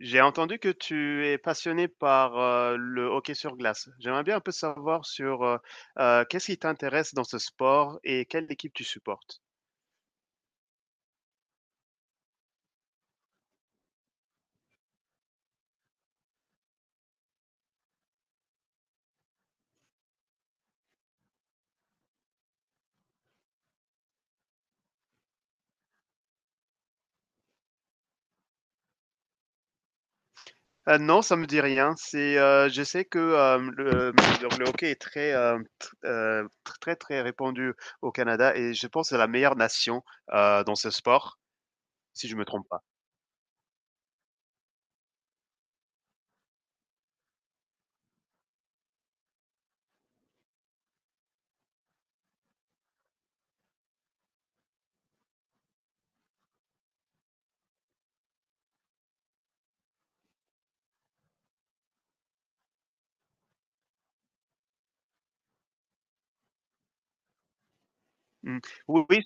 J'ai entendu que tu es passionné par, le hockey sur glace. J'aimerais bien un peu savoir sur, qu'est-ce qui t'intéresse dans ce sport et quelle équipe tu supportes? Non, ça me dit rien. C'est, je sais que, hem, le donc le hockey est très, hem, tr tr très, très répandu au Canada et je pense que c'est la meilleure nation, dans ce sport, si je me trompe pas. Mmh. Oui, oui,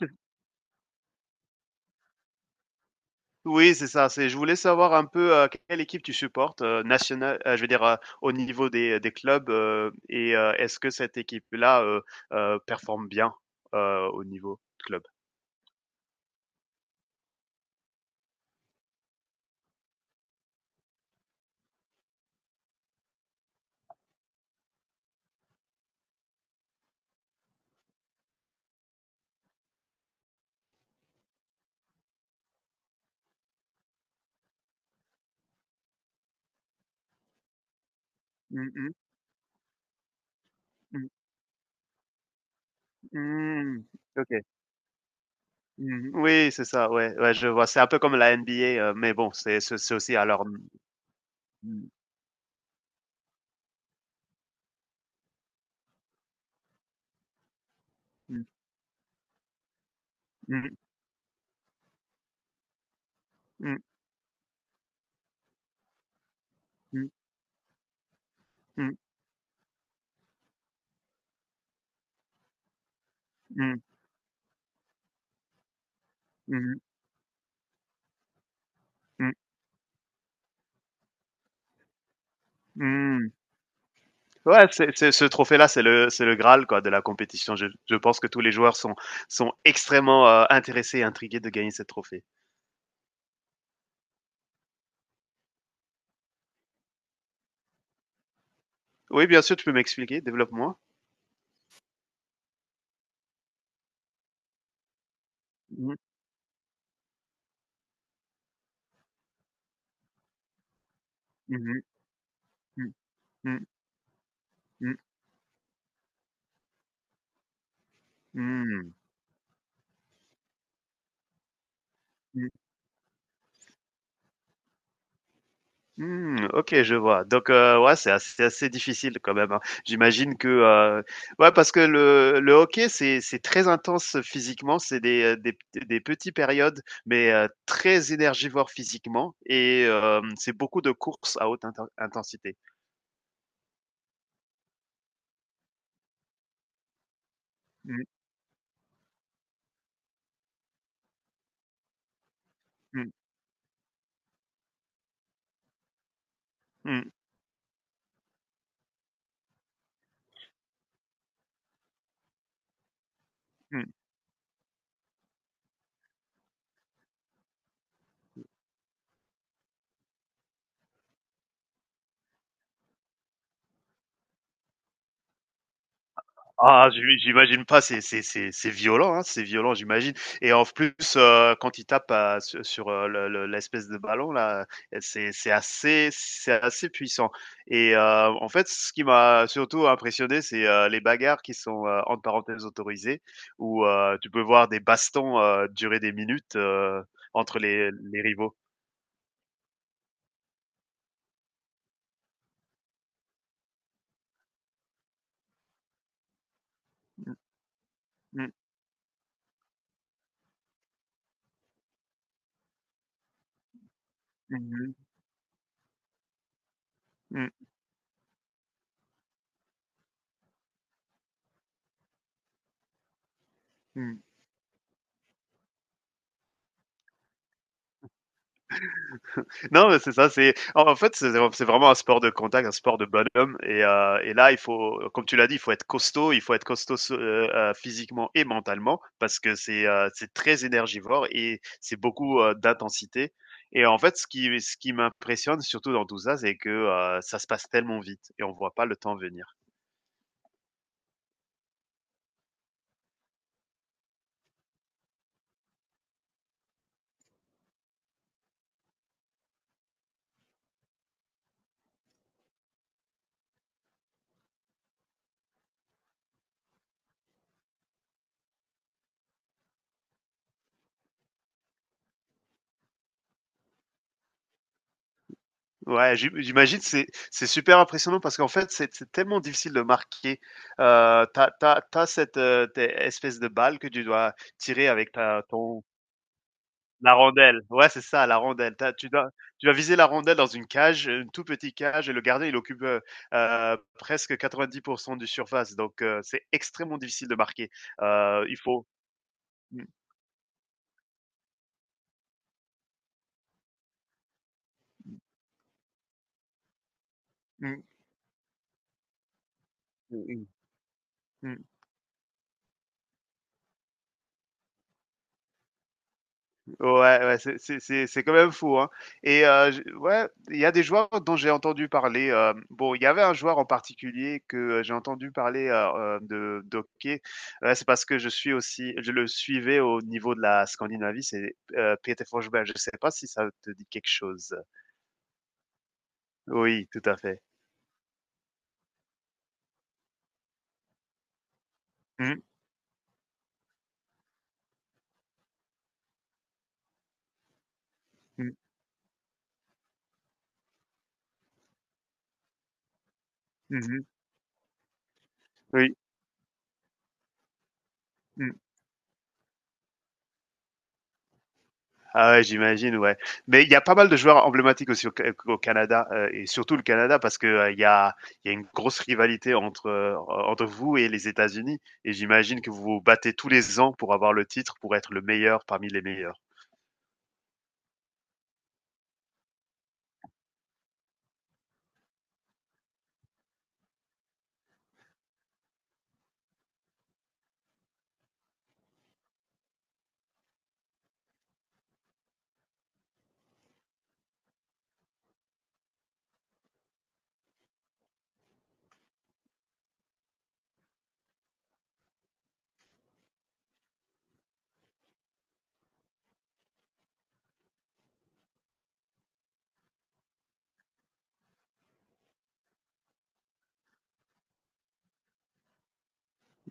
oui, c'est ça, c'est je voulais savoir un peu, quelle équipe tu supportes, nationale, je veux dire, au niveau des clubs, est-ce que cette équipe-là, performe bien, au niveau de club? Mmh mh. Mmh. Mmh. OK. Mmh. Oui, c'est ça, ouais, ouais, je vois. C'est un peu comme la NBA, mais bon, c'est aussi à leur mmh mh. Mmh. Mmh. Mmh. Mmh. Mmh. Mmh. Mmh mh. Mmh. Ouais, c'est ce trophée-là, c'est le graal quoi de la compétition. Je pense que tous les joueurs sont sont extrêmement, intéressés et intrigués de gagner ce trophée. Oui, bien sûr, tu peux m'expliquer, développe-moi. Mmh. Mmh mh. Mmh. Mmh. Mmh. Mmh. Mmh, OK, je vois. Donc, ouais, c'est assez difficile quand même, hein. J'imagine que, ouais, parce que le hockey, c'est très intense physiquement, c'est des petits périodes, mais, très énergivores physiquement et c'est beaucoup de courses à haute intensité. Mmh, mmh, mmh, mmh. Ah, j'imagine pas, c'est c'est violent, hein, c'est violent, j'imagine et en plus, quand il tape, su sur, le l'espèce de ballon là, c'est assez puissant et en fait, ce qui m'a surtout impressionné, c'est, les bagarres qui sont, entre parenthèses «autorisées» où, tu peux voir des bastons, durer des minutes, entre les rivaux. Mmh, mmh. Mmh mh. Mmh. Mmh. Non, mais c'est ça. C'est en fait, c'est vraiment un sport de contact, un sport de bonhomme. Et là, il faut, comme tu l'as dit, il faut être costaud. Il faut être costaud physiquement et mentalement parce que c'est très énergivore et c'est beaucoup d'intensité. Et en fait, ce qui m'impressionne surtout dans tout ça, c'est que ça se passe tellement vite et on voit pas le temps venir. Ouais, j'imagine, c'est super impressionnant parce qu'en fait, c'est tellement difficile de marquer. T'as t'as tu cette, tu espèce de balle que tu dois tirer avec ta ton la rondelle. Ouais, c'est ça, la rondelle. T'as tu dois viser la rondelle dans une cage, une tout petit cage et le gardien, il occupe, presque 90 du surface donc c'est extrêmement difficile de marquer. Il faut mmh, mmh, mmh, mmh, mmh. Ouais, ouais, c'est c'est quand même fou, hein et je ouais, il y a des joueurs dont j'ai entendu parler, bon, il y avait un joueur en particulier que, j'ai entendu parler, hem, de d'hockey. C'est parce que je suis aussi je le suivais au niveau de la Scandinavie, c'est, Peter Forsberg. Je sais pas si ça te dit quelque chose? Oui, tout à fait. Mmh. Mmh. Mmh mmh. Oui. Mmh. Ah ouais, j'imagine, ouais. Mais il y a pas mal de joueurs emblématiques aussi au, au Canada, et surtout le Canada, parce que il y a une grosse rivalité entre, entre vous et les États-Unis. Et j'imagine que vous vous battez tous les ans pour avoir le titre, pour être le meilleur parmi les meilleurs.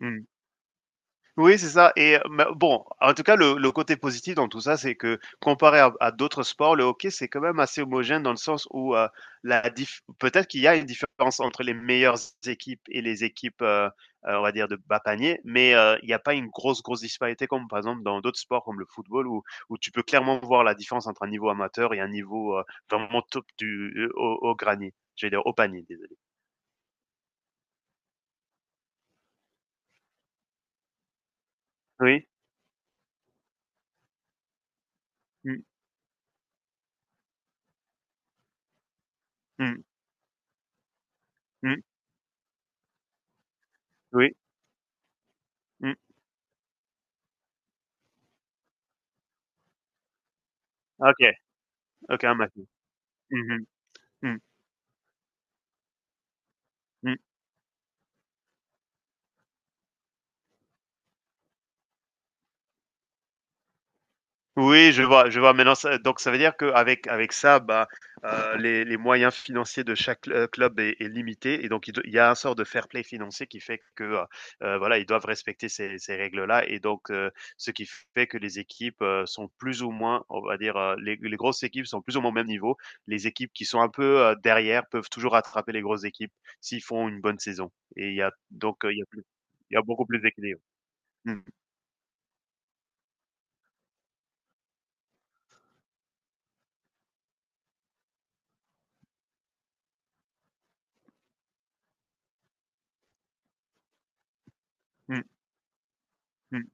Mm. Oui, c'est ça et bah, bon, en tout cas, le côté positif dans tout ça, c'est que comparé à d'autres sports, le hockey, c'est quand même assez homogène dans le sens où, la diff peut-être qu'il y a une différence entre les meilleures équipes et les équipes, on va dire de bas panier, mais il n'y a pas une grosse, grosse disparité comme par exemple dans d'autres sports comme le football où tu peux clairement voir la différence entre un niveau amateur et un niveau, vraiment top du, au granier, j'allais dire au panier, désolé. Oui. Mmh, mmh, mmh, oui, mmh. OK, OK, un match. Mmh mh, mmh. Mmh. Oui, je vois, je vois. Maintenant, ça donc ça veut dire qu'avec avec ça, bah, les moyens financiers de chaque, club est limité et donc il y a un sort de fair play financier qui fait que, voilà, ils doivent respecter ces règles-là et donc ce qui fait que les équipes, sont plus ou moins, on va dire, les grosses équipes sont plus ou moins au même niveau. Les équipes qui sont un peu, derrière peuvent toujours rattraper les grosses équipes s'ils font une bonne saison et il y a donc il y a beaucoup plus d'équilibre. Mmh. Mmh. Mmh.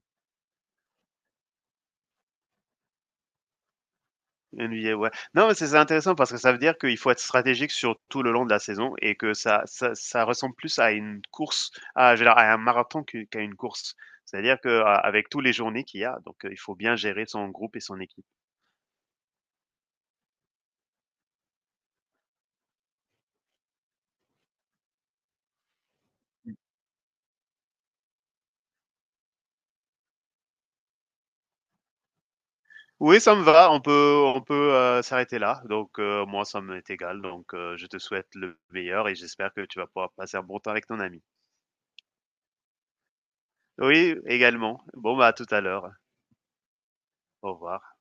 NBA, ouais. Non, mais c'est intéressant parce que ça veut dire qu'il faut être stratégique sur tout le long de la saison et que ça ressemble plus à une course, à, je veux dire, à un marathon qu'à une course. C'est-à-dire que avec tous les journées qu'il y a, donc il faut bien gérer son groupe et son équipe. Oui, ça me va. On peut s'arrêter là. Donc moi, ça m'est égal. Donc je te souhaite le meilleur et j'espère que tu vas pouvoir passer un bon temps avec ton ami. Oui, également. Bon, bah à tout à l'heure. Au revoir.